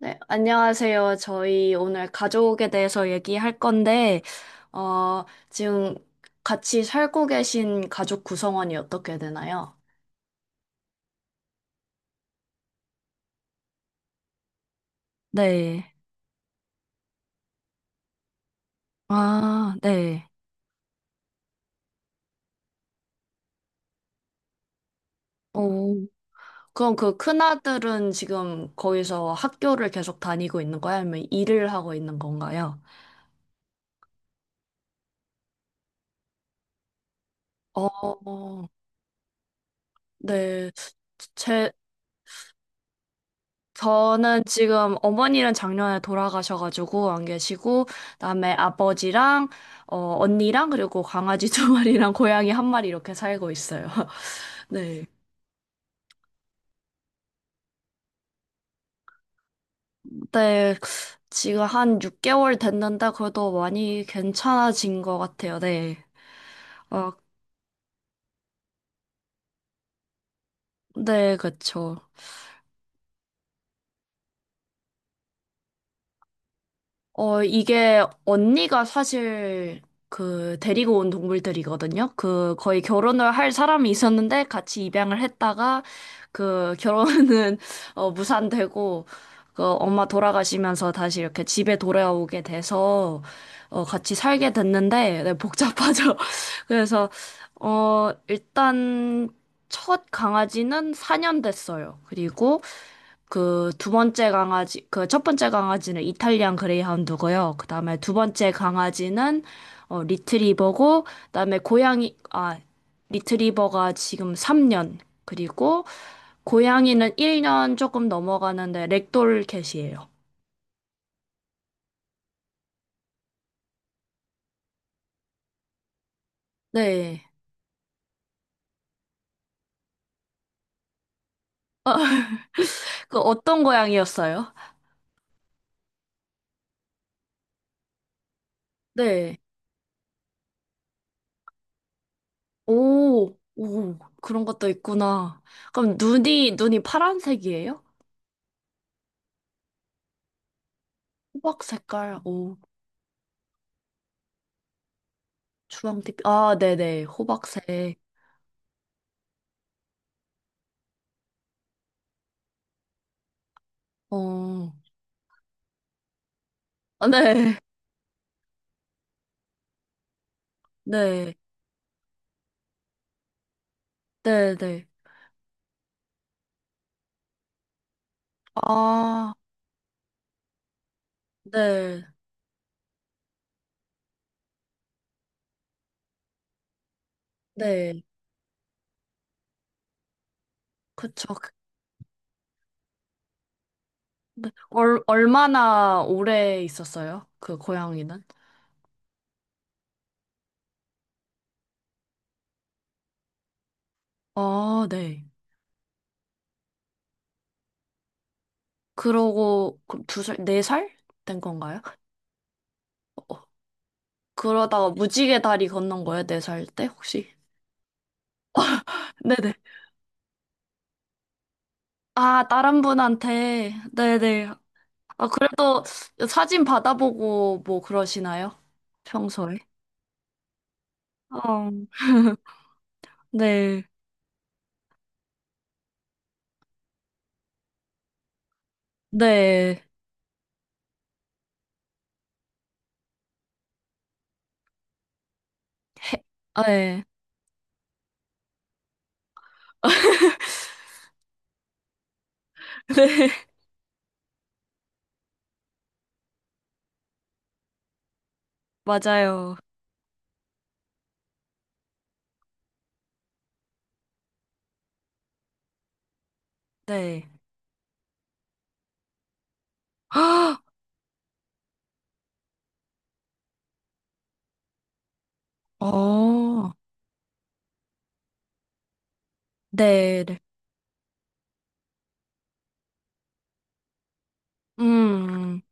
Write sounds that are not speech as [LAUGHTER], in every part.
네, 안녕하세요. 저희 오늘 가족에 대해서 얘기할 건데, 지금 같이 살고 계신 가족 구성원이 어떻게 되나요? 네. 아, 네. 음. 오. 그럼 그 큰아들은 지금 거기서 학교를 계속 다니고 있는 거예요? 아니면 일을 하고 있는 건가요? 어, 네. 제... 저는 지금 어머니는 작년에 돌아가셔가지고 안 계시고, 그다음에 아버지랑, 언니랑, 그리고 강아지 [LAUGHS] 두 마리랑 고양이 한 마리 이렇게 살고 있어요. [LAUGHS] 네. 네, 지금 한 6개월 됐는데, 그래도 많이 괜찮아진 것 같아요. 네. 어, 네, 그쵸. 어, 이게 언니가 사실 그 데리고 온 동물들이거든요. 그 거의 결혼을 할 사람이 있었는데 같이 입양을 했다가 그 결혼은 [LAUGHS] 무산되고 그 엄마 돌아가시면서 다시 이렇게 집에 돌아오게 돼서 같이 살게 됐는데 네, 복잡하죠. [LAUGHS] 그래서 일단 첫 강아지는 4년 됐어요. 그리고 그 첫 번째 강아지는 이탈리안 그레이하운드고요. 그 다음에 두 번째 강아지는 리트리버고, 그 다음에 리트리버가 지금 3년, 그리고 고양이는 1년 조금 넘어가는데 렉돌 캣이에요. 네. 그 어떤 고양이였어요? 네. 오, 오, 그런 것도 있구나. 그럼 눈이 파란색이에요? 호박 색깔, 오, 주황빛, 아, 네네, 호박색. 어, 아, 네, 네, 네, 네, 아, 네, 네, 그쵸. 네. 얼마나 오래 있었어요? 그 고양이는? 아, 네. 그러고, 그럼 두 살, 네 살 된 건가요? 어, 어. 그러다가 무지개 다리 건넌 거예요? 네 살 때, 혹시? [LAUGHS] 네네. 아, 다른 분한테. 네네. 아, 그래도 사진 받아보고 뭐 그러시나요? 평소에? 어, 네. 네. 해- 아, 네. [LAUGHS] 네, 맞아요. 네. [GASPS] 어, 네. 네. 음,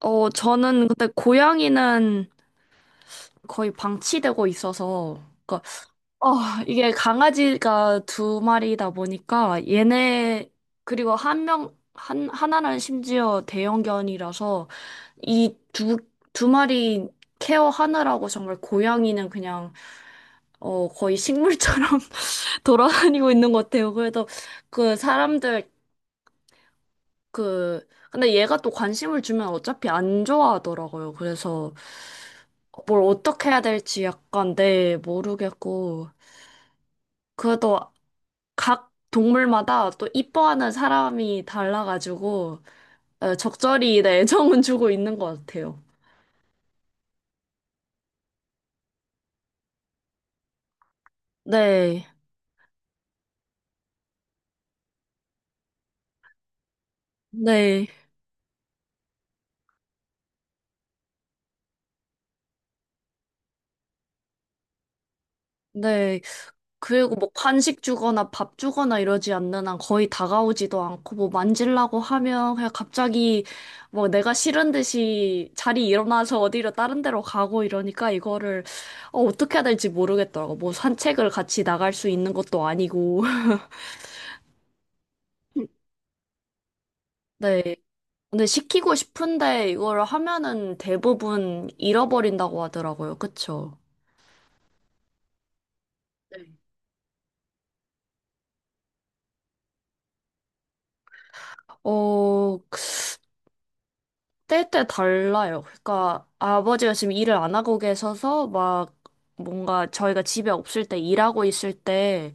어, 저는 근데 고양이는 거의 방치되고 있어서, 그러니까, 어, 이게 강아지가 두 마리다 보니까 얘네, 그리고 한 명, 하나는 심지어 대형견이라서 이 두, 두 마리 케어하느라고 정말 고양이는 그냥, 어, 거의 식물처럼 돌아다니고 있는 것 같아요. 그래서 그 사람들 그 근데 얘가 또 관심을 주면 어차피 안 좋아하더라고요. 그래서 뭘 어떻게 해야 될지 약간 네 모르겠고 그래도 각 동물마다 또 이뻐하는 사람이 달라가지고 어, 적절히 네, 애정은 주고 있는 것 같아요. 네, 네, 네. 그리고 뭐 간식 주거나 밥 주거나 이러지 않는 한 거의 다가오지도 않고 뭐 만지려고 하면 그냥 갑자기 뭐 내가 싫은 듯이 자리 일어나서 어디로 다른 데로 가고 이러니까 이거를 어떻게 해야 될지 모르겠더라고. 뭐 산책을 같이 나갈 수 있는 것도 아니고. [LAUGHS] 네. 근데 시키고 싶은데 이걸 하면은 대부분 잃어버린다고 하더라고요. 그쵸? 네. 어, 때때 달라요. 그러니까 아버지가 지금 일을 안 하고 계셔서 막 뭔가 저희가 집에 없을 때 일하고 있을 때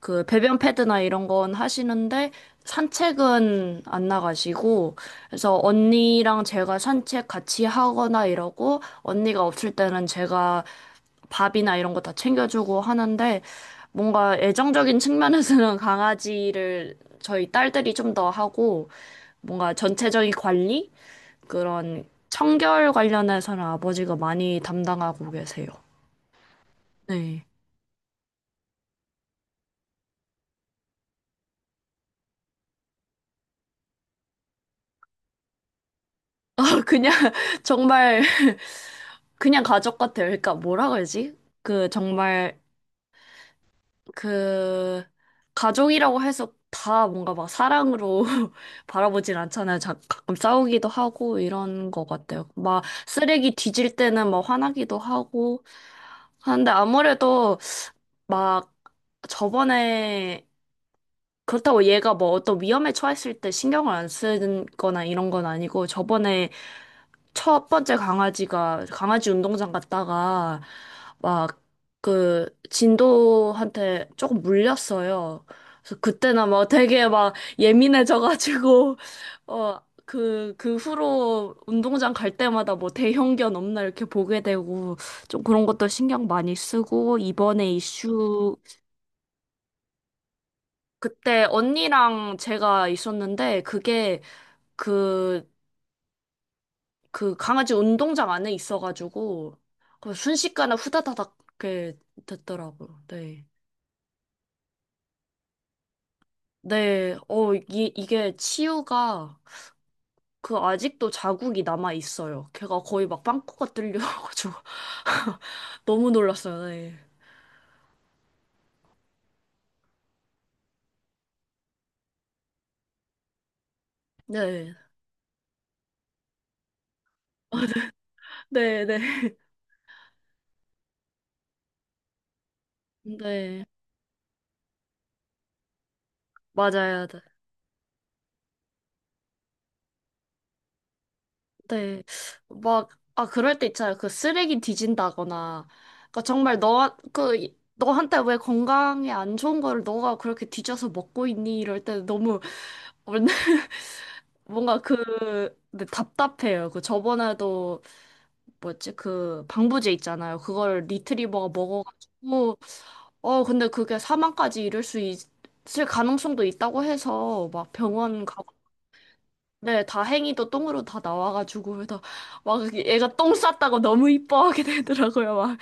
그 배변 패드나 이런 건 하시는데 산책은 안 나가시고 그래서 언니랑 제가 산책 같이 하거나 이러고 언니가 없을 때는 제가 밥이나 이런 거 다 챙겨주고 하는데 뭔가 애정적인 측면에서는 [LAUGHS] 강아지를 저희 딸들이 좀 더 하고 뭔가 전체적인 관리? 그런 청결 관련해서는 아버지가 많이 담당하고 계세요. 네. [LAUGHS] 그냥 정말 [LAUGHS] 그냥 가족 같아요. 그러니까 뭐라 그러지? 그 정말 그 가족이라고 해서 다 뭔가 막 사랑으로 [LAUGHS] 바라보진 않잖아요. 자, 가끔 싸우기도 하고 이런 것 같아요. 막 쓰레기 뒤질 때는 막 화나기도 하고 하는데 아무래도 막 저번에 그렇다고 얘가 뭐 어떤 위험에 처했을 때 신경을 안 쓰는 거나 이런 건 아니고 저번에 첫 번째 강아지가 강아지 운동장 갔다가 막 그 진도한테 조금 물렸어요. 그래서 그때는 막 되게 막 예민해져가지고 [LAUGHS] 어 그 후로 운동장 갈 때마다 뭐 대형견 없나 이렇게 보게 되고 좀 그런 것도 신경 많이 쓰고 이번에 이슈 그때 언니랑 제가 있었는데 그게 그, 그 강아지 운동장 안에 있어가지고 그 순식간에 후다다닥 이렇게 됐더라고요. 네. 네, 어, 이, 이게 치유가 그 아직도 자국이 남아 있어요. 걔가 거의 막 빵꾸가 뚫려가지고 [LAUGHS] 너무 놀랐어요. 네. 네. 네, 네. [LAUGHS] 네. 맞아요. 네. 막, 아, 그럴 때 있잖아요. 그 쓰레기 뒤진다거나. 그러니까 정말 너, 그, 너한테 왜 건강에 안 좋은 거를 너가 그렇게 뒤져서 먹고 있니? 이럴 때 너무, [LAUGHS] 뭔가 그, 네, 답답해요. 그 저번에도, 뭐였지? 그 방부제 있잖아요. 그걸 리트리버가 먹어가지고, 어, 근데 그게 사망까지 이를 수 있, 을 가능성도 있다고 해서 막 병원 네, 다행히도 똥으로 다 나와가지고, 그래서 막 얘가 똥 쌌다고 너무 이뻐하게 되더라고요. 막,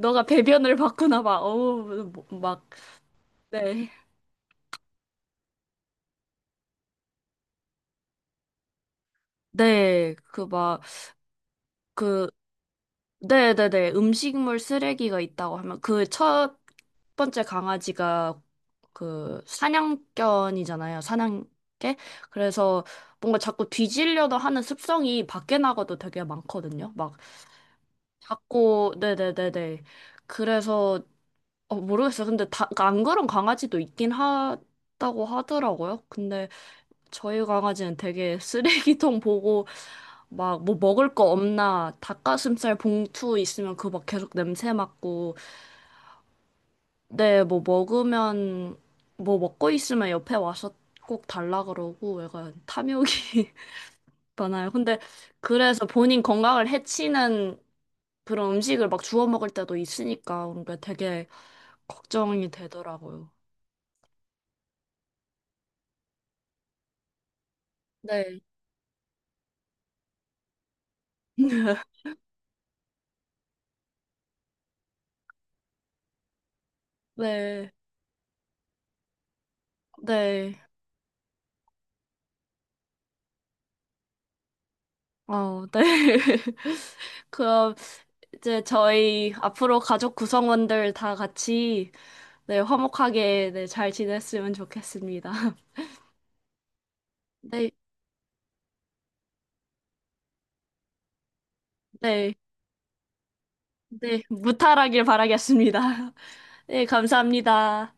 너가 배변을 봤구나, 막, 어우, 뭐, 막, 네. 네, 그 막, 그, 네네네, 음식물 쓰레기가 있다고 하면, 그 첫 번째 강아지가 그 사냥견이잖아요, 사냥개? 그래서 뭔가 자꾸 뒤지려다 하는 습성이 밖에 나가도 되게 많거든요. 막, 자꾸, 네네네네. 그래서 어, 모르겠어요. 근데 다, 그러니까 안 그런 강아지도 있긴 하다고 하더라고요. 근데 저희 강아지는 되게 쓰레기통 보고 막 뭐 먹을 거 없나 닭가슴살 봉투 있으면 그거 막 계속 냄새 맡고 네, 뭐 먹고 있으면 옆에 와서 꼭 달라 그러고 약간 탐욕이 [LAUGHS] 많아요. 근데 그래서 본인 건강을 해치는 그런 음식을 막 주워 먹을 때도 있으니까 그러니까 되게 걱정이 되더라고요. 네. 네, 네, 어, 네. [LAUGHS] 그럼 이제 저희 앞으로 가족 구성원들 다 같이 네, 화목하게 네, 잘 지냈으면 좋겠습니다. [LAUGHS] 네, 네, 네, 무탈하길 바라겠습니다. [LAUGHS] 네, 감사합니다.